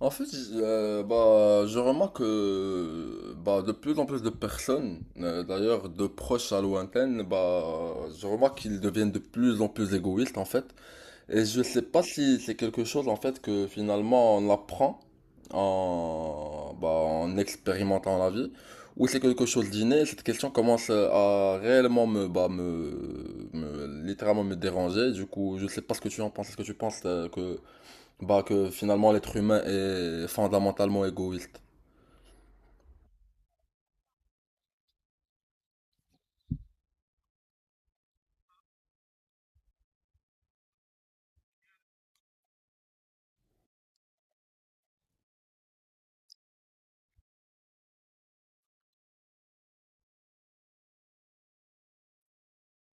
En fait, je remarque que de plus en plus de personnes, d'ailleurs de proches à lointaines, je remarque qu'ils deviennent de plus en plus égoïstes en fait. Et je sais pas si c'est quelque chose en fait que finalement on apprend en expérimentant la vie, ou c'est quelque chose d'inné. Cette question commence à réellement me, bah, me- littéralement me déranger. Du coup, je sais pas ce que tu en penses. Est-ce que tu penses que que finalement l'être humain est fondamentalement égoïste.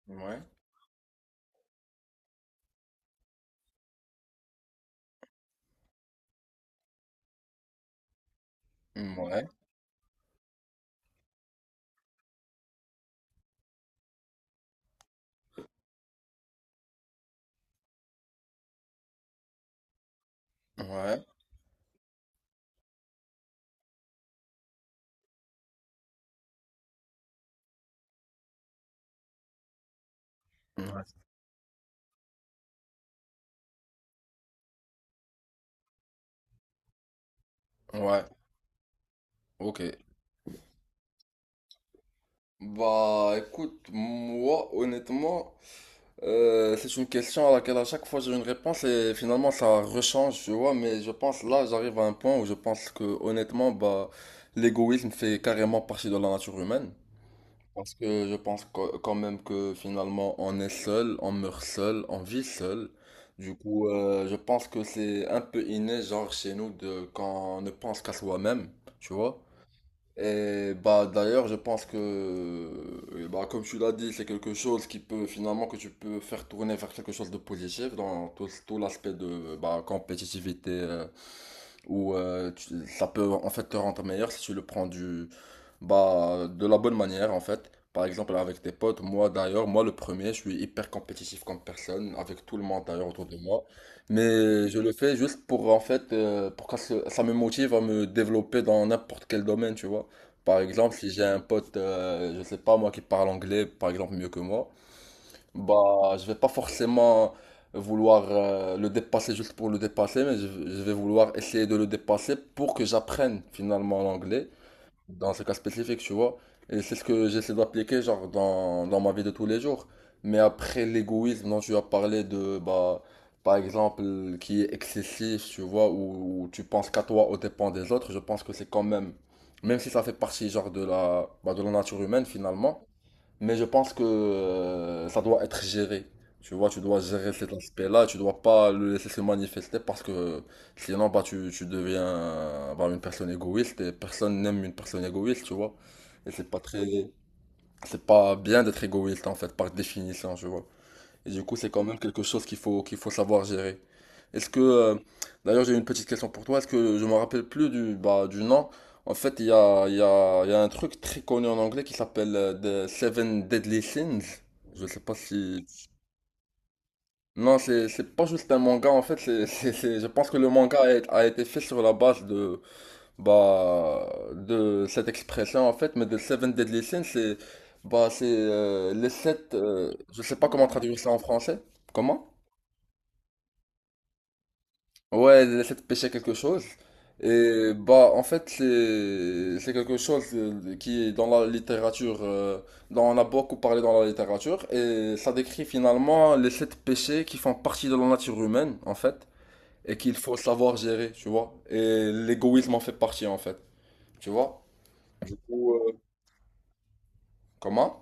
Ouais, ouais, ouais. Ouais. Ouais, ok. Bah écoute, moi honnêtement, c'est une question à laquelle à chaque fois j'ai une réponse et finalement ça rechange, tu vois, mais je pense là j'arrive à un point où je pense que honnêtement, bah l'égoïsme fait carrément partie de la nature humaine. Parce que je pense quand même que finalement on est seul, on meurt seul, on vit seul. Du coup, je pense que c'est un peu inné, genre chez nous, de quand on ne pense qu'à soi-même, tu vois. Et bah d'ailleurs, je pense que, bah, comme tu l'as dit, c'est quelque chose qui peut finalement que tu peux faire tourner vers quelque chose de positif dans tout l'aspect de bah, compétitivité. Où ça peut en fait te rendre meilleur si tu le prends du bah de la bonne manière en fait. Par exemple avec tes potes, moi d'ailleurs, moi le premier, je suis hyper compétitif comme personne, avec tout le monde d'ailleurs autour de moi. Mais je le fais juste pour en fait pour que ça me motive à me développer dans n'importe quel domaine, tu vois. Par exemple, si j'ai un pote, je sais pas moi, qui parle anglais, par exemple, mieux que moi. Bah, je vais pas forcément vouloir le dépasser juste pour le dépasser, mais je vais vouloir essayer de le dépasser pour que j'apprenne finalement l'anglais, dans ce cas spécifique, tu vois. Et c'est ce que j'essaie d'appliquer genre dans ma vie de tous les jours. Mais après l'égoïsme dont tu as parlé de, bah, par exemple, qui est excessif, tu vois, où tu penses qu'à toi au dépens des autres, je pense que c'est quand même, même si ça fait partie genre de de la nature humaine finalement, mais je pense que ça doit être géré. Tu vois, tu dois gérer cet aspect-là, tu dois pas le laisser se manifester parce que sinon, bah, tu deviens bah, une personne égoïste et personne n'aime une personne égoïste, tu vois. Et c'est pas très, c'est pas bien d'être égoïste en fait, par définition, tu vois. Et du coup, c'est quand même quelque chose qu'il faut savoir gérer. Est-ce que, d'ailleurs, j'ai une petite question pour toi. Est-ce que je me rappelle plus du, bah, du nom? En fait, il y a un truc très connu en anglais qui s'appelle The Seven Deadly Sins. Je sais pas si. Non, c'est pas juste un manga, en fait. Je pense que le manga a été fait sur la base de, bah, de cette expression, en fait. Mais The Seven Deadly Sins, c'est, bah, c'est les sept. Je sais pas comment traduire ça en français. Comment? Ouais, elle essaie de pêcher quelque chose. Et bah, en fait, c'est quelque chose qui est dans la littérature, dont on a beaucoup parlé dans la littérature, et ça décrit finalement les sept péchés qui font partie de la nature humaine, en fait, et qu'il faut savoir gérer, tu vois. Et l'égoïsme en fait partie, en fait, tu vois. Du coup, comment?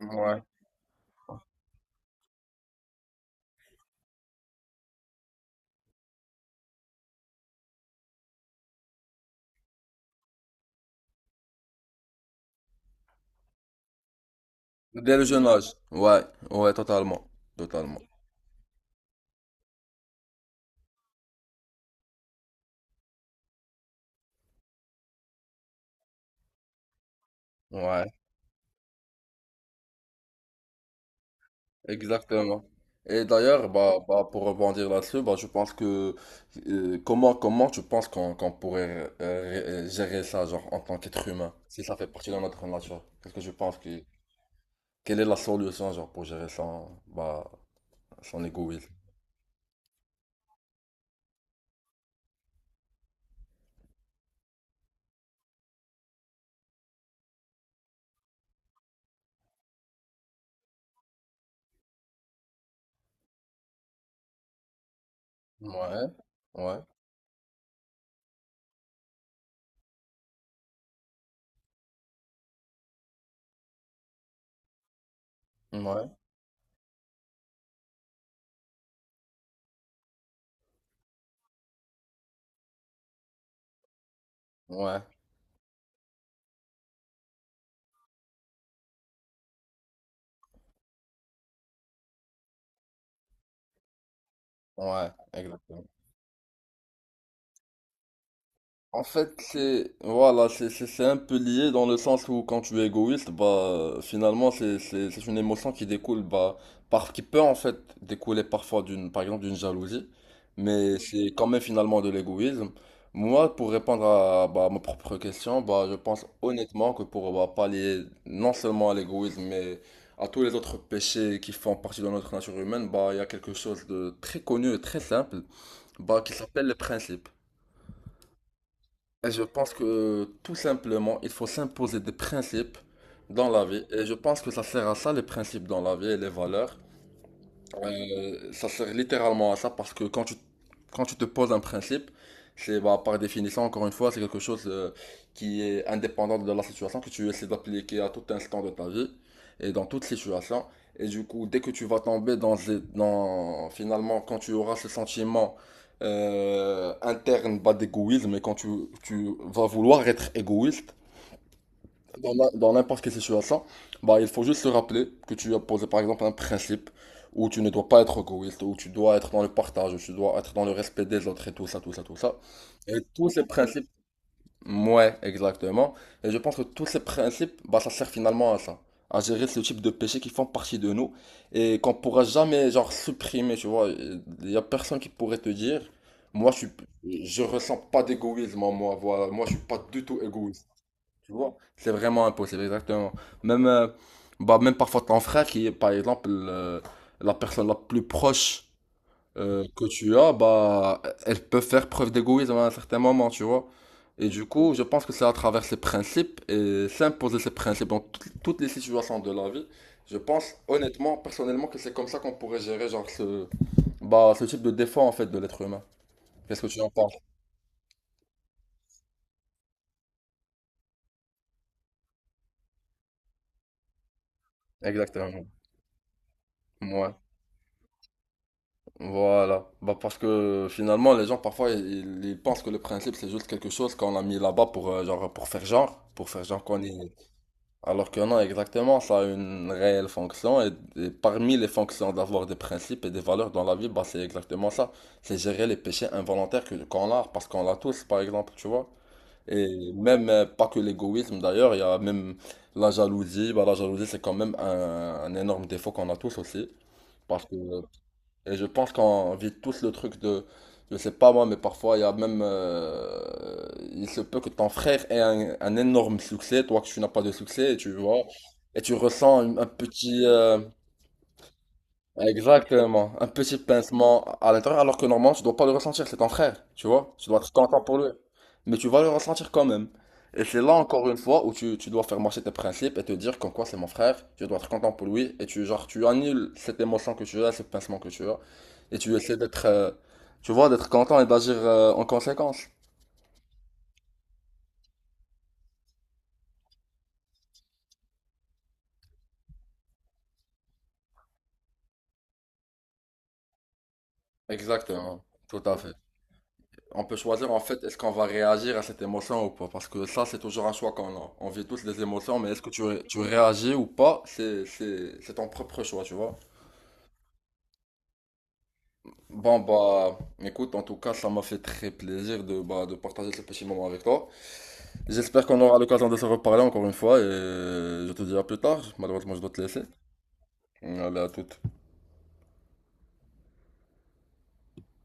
Ouais. Dès le jeune âge. Ouais, ouais, totalement. Totalement. Ouais. Exactement. Et d'ailleurs, bah, pour rebondir là-dessus, bah, je pense que comment, comment tu penses qu'on pourrait gérer ça, genre, en tant qu'être humain, si ça fait partie de notre nature? Qu'est-ce que je pense que quelle est la solution, genre, pour gérer son, bah, son égoïsme? Ouais, ouais, ouais, ouais, ouais, exactement. En fait, c'est voilà, c'est un peu lié dans le sens où quand tu es égoïste, bah finalement c'est une émotion qui découle bah par qui peut en fait découler parfois d'une par exemple d'une jalousie, mais c'est quand même finalement de l'égoïsme. Moi, pour répondre à bah, ma propre question, bah je pense honnêtement que pour bah, pallier non seulement à l'égoïsme mais à tous les autres péchés qui font partie de notre nature humaine, bah il y a quelque chose de très connu et très simple, bah qui s'appelle le principe. Et je pense que tout simplement, il faut s'imposer des principes dans la vie. Et je pense que ça sert à ça, les principes dans la vie et les valeurs. Ça sert littéralement à ça parce que quand tu te poses un principe, c'est bah, par définition, encore une fois, c'est quelque chose qui est indépendant de la situation que tu essaies d'appliquer à tout instant de ta vie et dans toute situation. Et du coup, dès que tu vas tomber dans, ces- dans finalement, quand tu auras ce sentiment interne bah, d'égoïsme et quand tu vas vouloir être égoïste, dans n'importe quelle situation, bah, il faut juste se rappeler que tu as posé par exemple un principe où tu ne dois pas être égoïste, où tu dois être dans le partage, où tu dois être dans le respect des autres et tout ça, tout ça, tout ça. Et tous ces principes, ouais, exactement. Et je pense que tous ces principes, bah, ça sert finalement à ça, à gérer ce type de péchés qui font partie de nous et qu'on pourra jamais, genre, supprimer, tu vois. Il y a personne qui pourrait te dire, moi, je suis, je ressens pas d'égoïsme en moi, voilà, moi, je suis pas du tout égoïste. Tu vois, c'est vraiment impossible, exactement. Même, bah, même parfois ton frère, qui est par exemple la personne la plus proche que tu as, bah, elle peut faire preuve d'égoïsme à un certain moment, tu vois. Et du coup, je pense que c'est à travers ces principes et s'imposer ces principes dans toutes les situations de la vie. Je pense honnêtement, personnellement, que c'est comme ça qu'on pourrait gérer genre ce, bah, ce type de défaut en fait de l'être humain. Qu'est-ce que tu en penses? Exactement. Ouais. Voilà, bah parce que finalement les gens parfois ils pensent que le principe c'est juste quelque chose qu'on a mis là-bas pour genre pour faire genre, pour faire genre qu'on est. Alors que non, exactement, ça a une réelle fonction et parmi les fonctions d'avoir des principes et des valeurs dans la vie, bah c'est exactement ça. C'est gérer les péchés involontaires que qu'on a parce qu'on l'a tous par exemple, tu vois. Et même pas que l'égoïsme d'ailleurs, il y a même la jalousie, bah la jalousie c'est quand même un énorme défaut qu'on a tous aussi. Parce que et je pense qu'on vit tous le truc de, je sais pas moi, mais parfois il y a même, il se peut que ton frère ait un énorme succès, toi que tu n'as pas de succès, et tu vois, et tu ressens un petit, Exactement. Un petit pincement à l'intérieur, alors que normalement, tu dois pas le ressentir, c'est ton frère, tu vois. Tu dois être content pour lui. Mais tu vas le ressentir quand même. Et c'est là encore une fois où tu dois faire marcher tes principes et te dire qu'en quoi c'est mon frère, tu dois être content pour lui, et tu genre tu annules cette émotion que tu as, ce pincement que tu as, et tu essaies d'être tu vois, d'être content et d'agir en conséquence. Exactement, tout à fait. On peut choisir en fait est-ce qu'on va réagir à cette émotion ou pas. Parce que ça, c'est toujours un choix qu'on a. On vit tous des émotions, mais est-ce que tu réagis ou pas, c'est ton propre choix, tu vois. Bon, bah, écoute, en tout cas, ça m'a fait très plaisir de, bah, de partager ce petit moment avec toi. J'espère qu'on aura l'occasion de se reparler encore une fois et je te dis à plus tard. Malheureusement, je dois te laisser. Allez, à toute.